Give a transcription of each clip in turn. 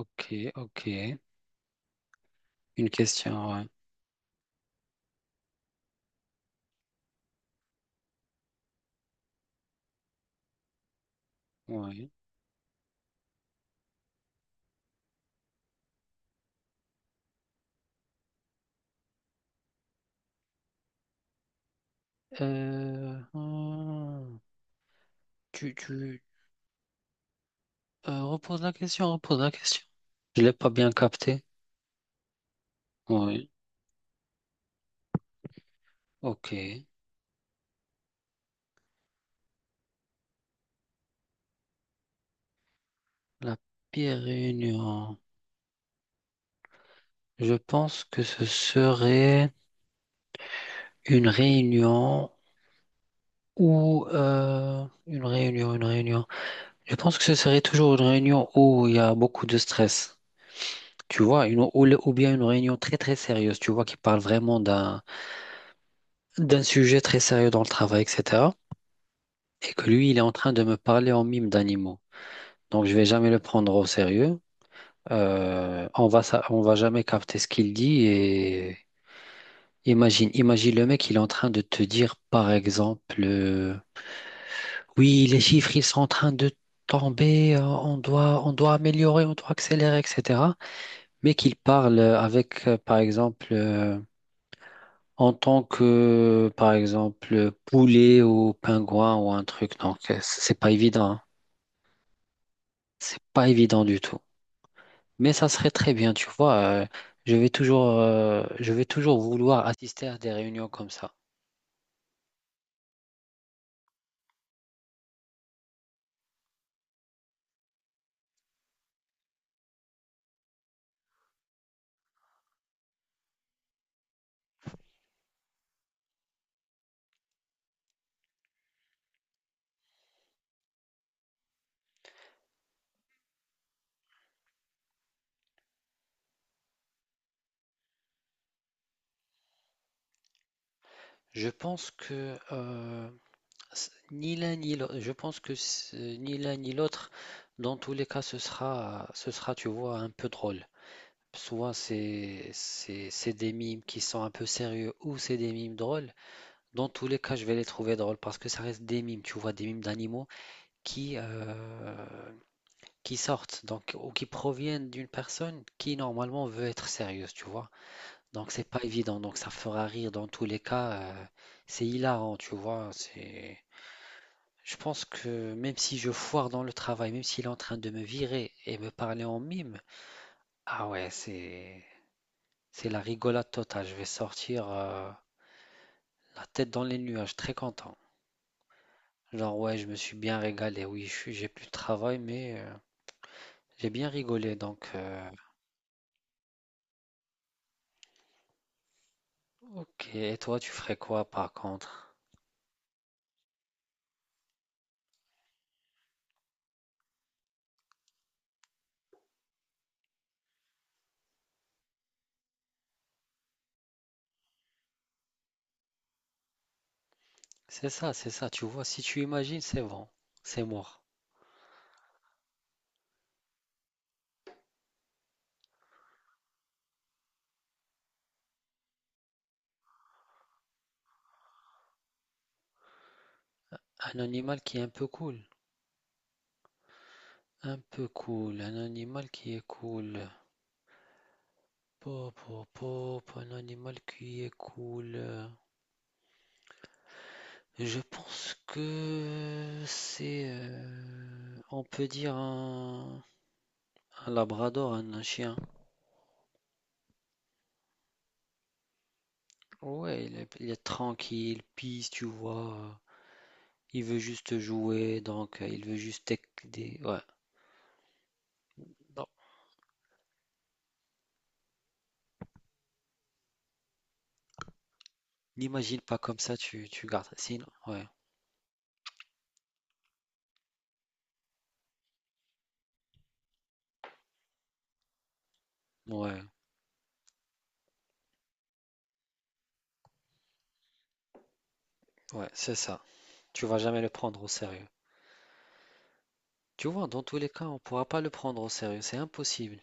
Ok, ok. Une question, ouais. Ouais. Euh, hmm. tu, tu, Repose la question, repose la question. Je l'ai pas bien capté. Oui, ok. La pire réunion. Je pense que ce serait une réunion ou une réunion. Je pense que ce serait toujours une réunion où il y a beaucoup de stress. Tu vois, une, ou, le- ou bien une réunion très très sérieuse, tu vois, qui parle vraiment d'un sujet très sérieux dans le travail, etc. Et que lui, il est en train de me parler en mime d'animaux. Donc, je vais jamais le prendre au sérieux. On va jamais capter ce qu'il dit. Et imagine le mec, il est en train de te dire, par exemple, oui, les chiffres, ils sont en train de tomber. On doit améliorer, on doit accélérer, etc. Mais qu'il parle avec, par exemple, en tant que, par exemple, poulet ou pingouin ou un truc, donc c'est pas évident, hein. C'est pas évident du tout. Mais ça serait très bien, tu vois. Je vais toujours vouloir assister à des réunions comme ça. Je pense que ni l'un ni l'autre, je pense que c- ni l'un ni l'autre, dans tous les cas, ce sera, tu vois, un peu drôle. Soit c'est des mimes qui sont un peu sérieux ou c'est des mimes drôles. Dans tous les cas, je vais les trouver drôles parce que ça reste des mimes, tu vois, des mimes d'animaux qui, euh, qui sortent donc, ou qui proviennent d'une personne qui normalement veut être sérieuse, tu vois. Donc c'est pas évident, donc ça fera rire dans tous les cas. C'est hilarant, tu vois. C'est... Je pense que même si je foire dans le travail, même s'il est en train de me virer et me parler en mime, ah ouais, c'est la rigolade totale. Je vais sortir, la tête dans les nuages, très content. Genre, ouais, je me suis bien régalé. Oui, je suis- j'ai plus de travail, mais j'ai bien rigolé. Donc, ok. Et toi, tu ferais quoi par contre? C'est ça, c'est ça. Tu vois, si tu imagines, c'est bon. C'est mort. Un animal qui est un peu cool. Un peu cool. Un animal qui est cool. Pop, pop, pop. Un animal qui est cool. Je pense que c'est. On peut dire un labrador, un chien. Ouais, il est tranquille, peace, tu vois. Il veut juste jouer, donc il veut juste tec- des... Ouais, non. N'imagine pas comme ça, tu gardes. Sinon, ouais, ouais, ouais, c'est ça. Tu vas jamais le prendre au sérieux. Tu vois, dans tous les cas, on pourra pas le prendre au sérieux. C'est impossible.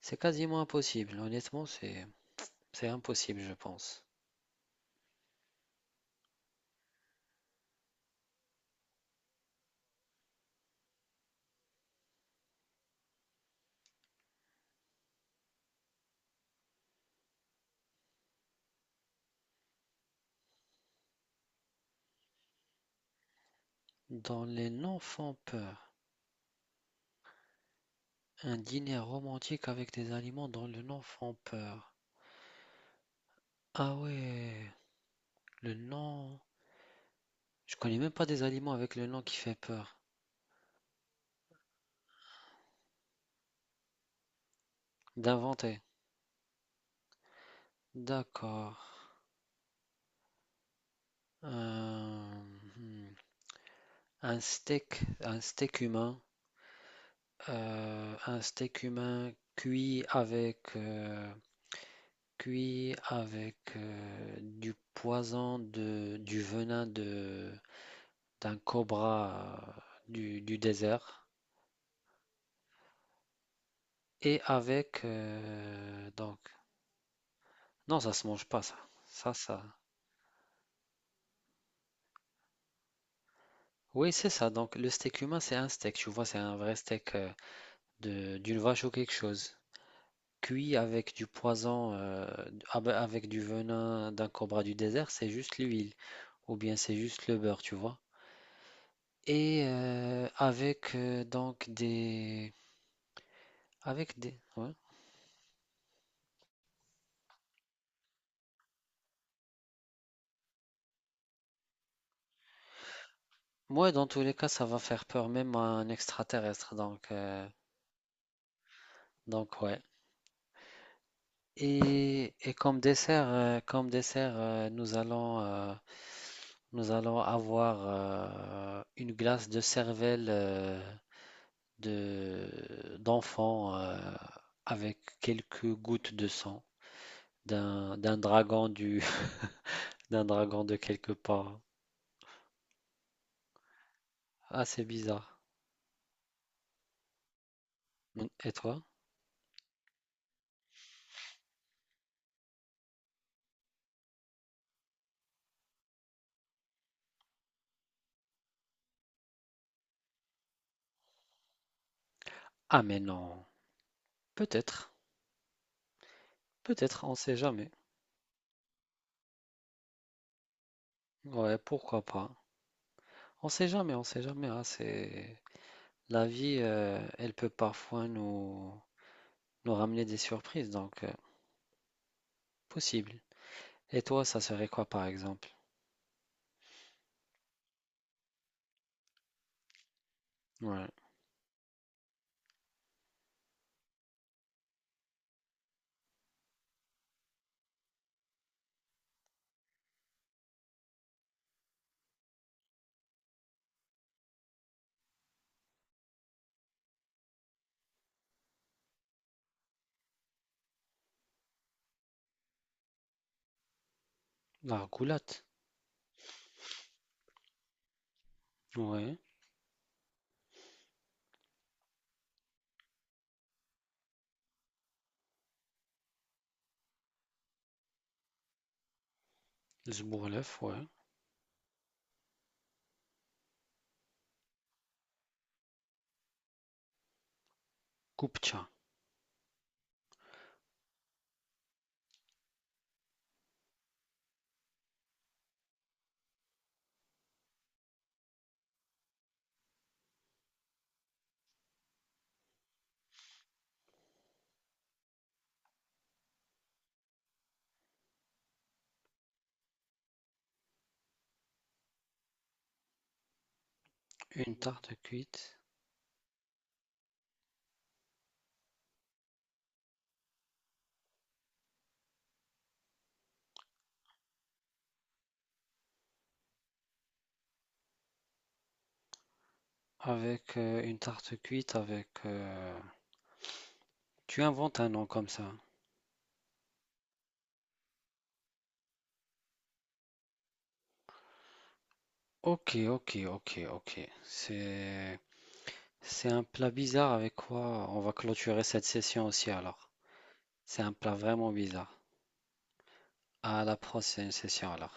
C'est quasiment impossible. Honnêtement, c'est impossible, je pense. Dans les non-font-peur, un dîner romantique avec des aliments dans le non-font-peur. Ah ouais, le non... Je connais même pas des aliments avec le nom qui fait peur. D'inventer. D'accord. Euh, hmm. Un steak, un steak humain cuit avec, du poison du venin d'un cobra du désert et avec donc... Non, ça se mange pas, ça. ça ça oui, c'est ça, donc le steak humain, c'est un steak, tu vois, c'est un vrai steak d'une vache ou quelque chose. Cuit avec du poison, ah ben, avec du venin d'un cobra du désert, c'est juste l'huile, ou bien c'est juste le beurre, tu vois. Et avec donc des, avec des, ouais. Moi, dans tous les cas, ça va faire peur même à un extraterrestre, donc ouais. Et comme dessert, nous allons avoir une glace de cervelle. De d'enfants avec quelques gouttes de sang d'un dragon du d'un dragon de quelque part. Ah, c'est bizarre. Mm. Et toi? Ah, mais non. Peut-être. Peut-être, on sait jamais. Ouais, pourquoi pas. On sait jamais, on sait jamais, hein, c'est la vie, elle peut parfois nous ramener des surprises, donc possible. Et toi, ça serait quoi par exemple? Ouais, la roulotte. Ouais, le zbourlef, ouais. Kupcha. Une tarte cuite avec tu inventes un nom comme ça. Ok, ok, ok, ok. C'est un plat bizarre avec quoi on va clôturer cette session aussi alors. C'est un plat vraiment bizarre. À la prochaine session alors.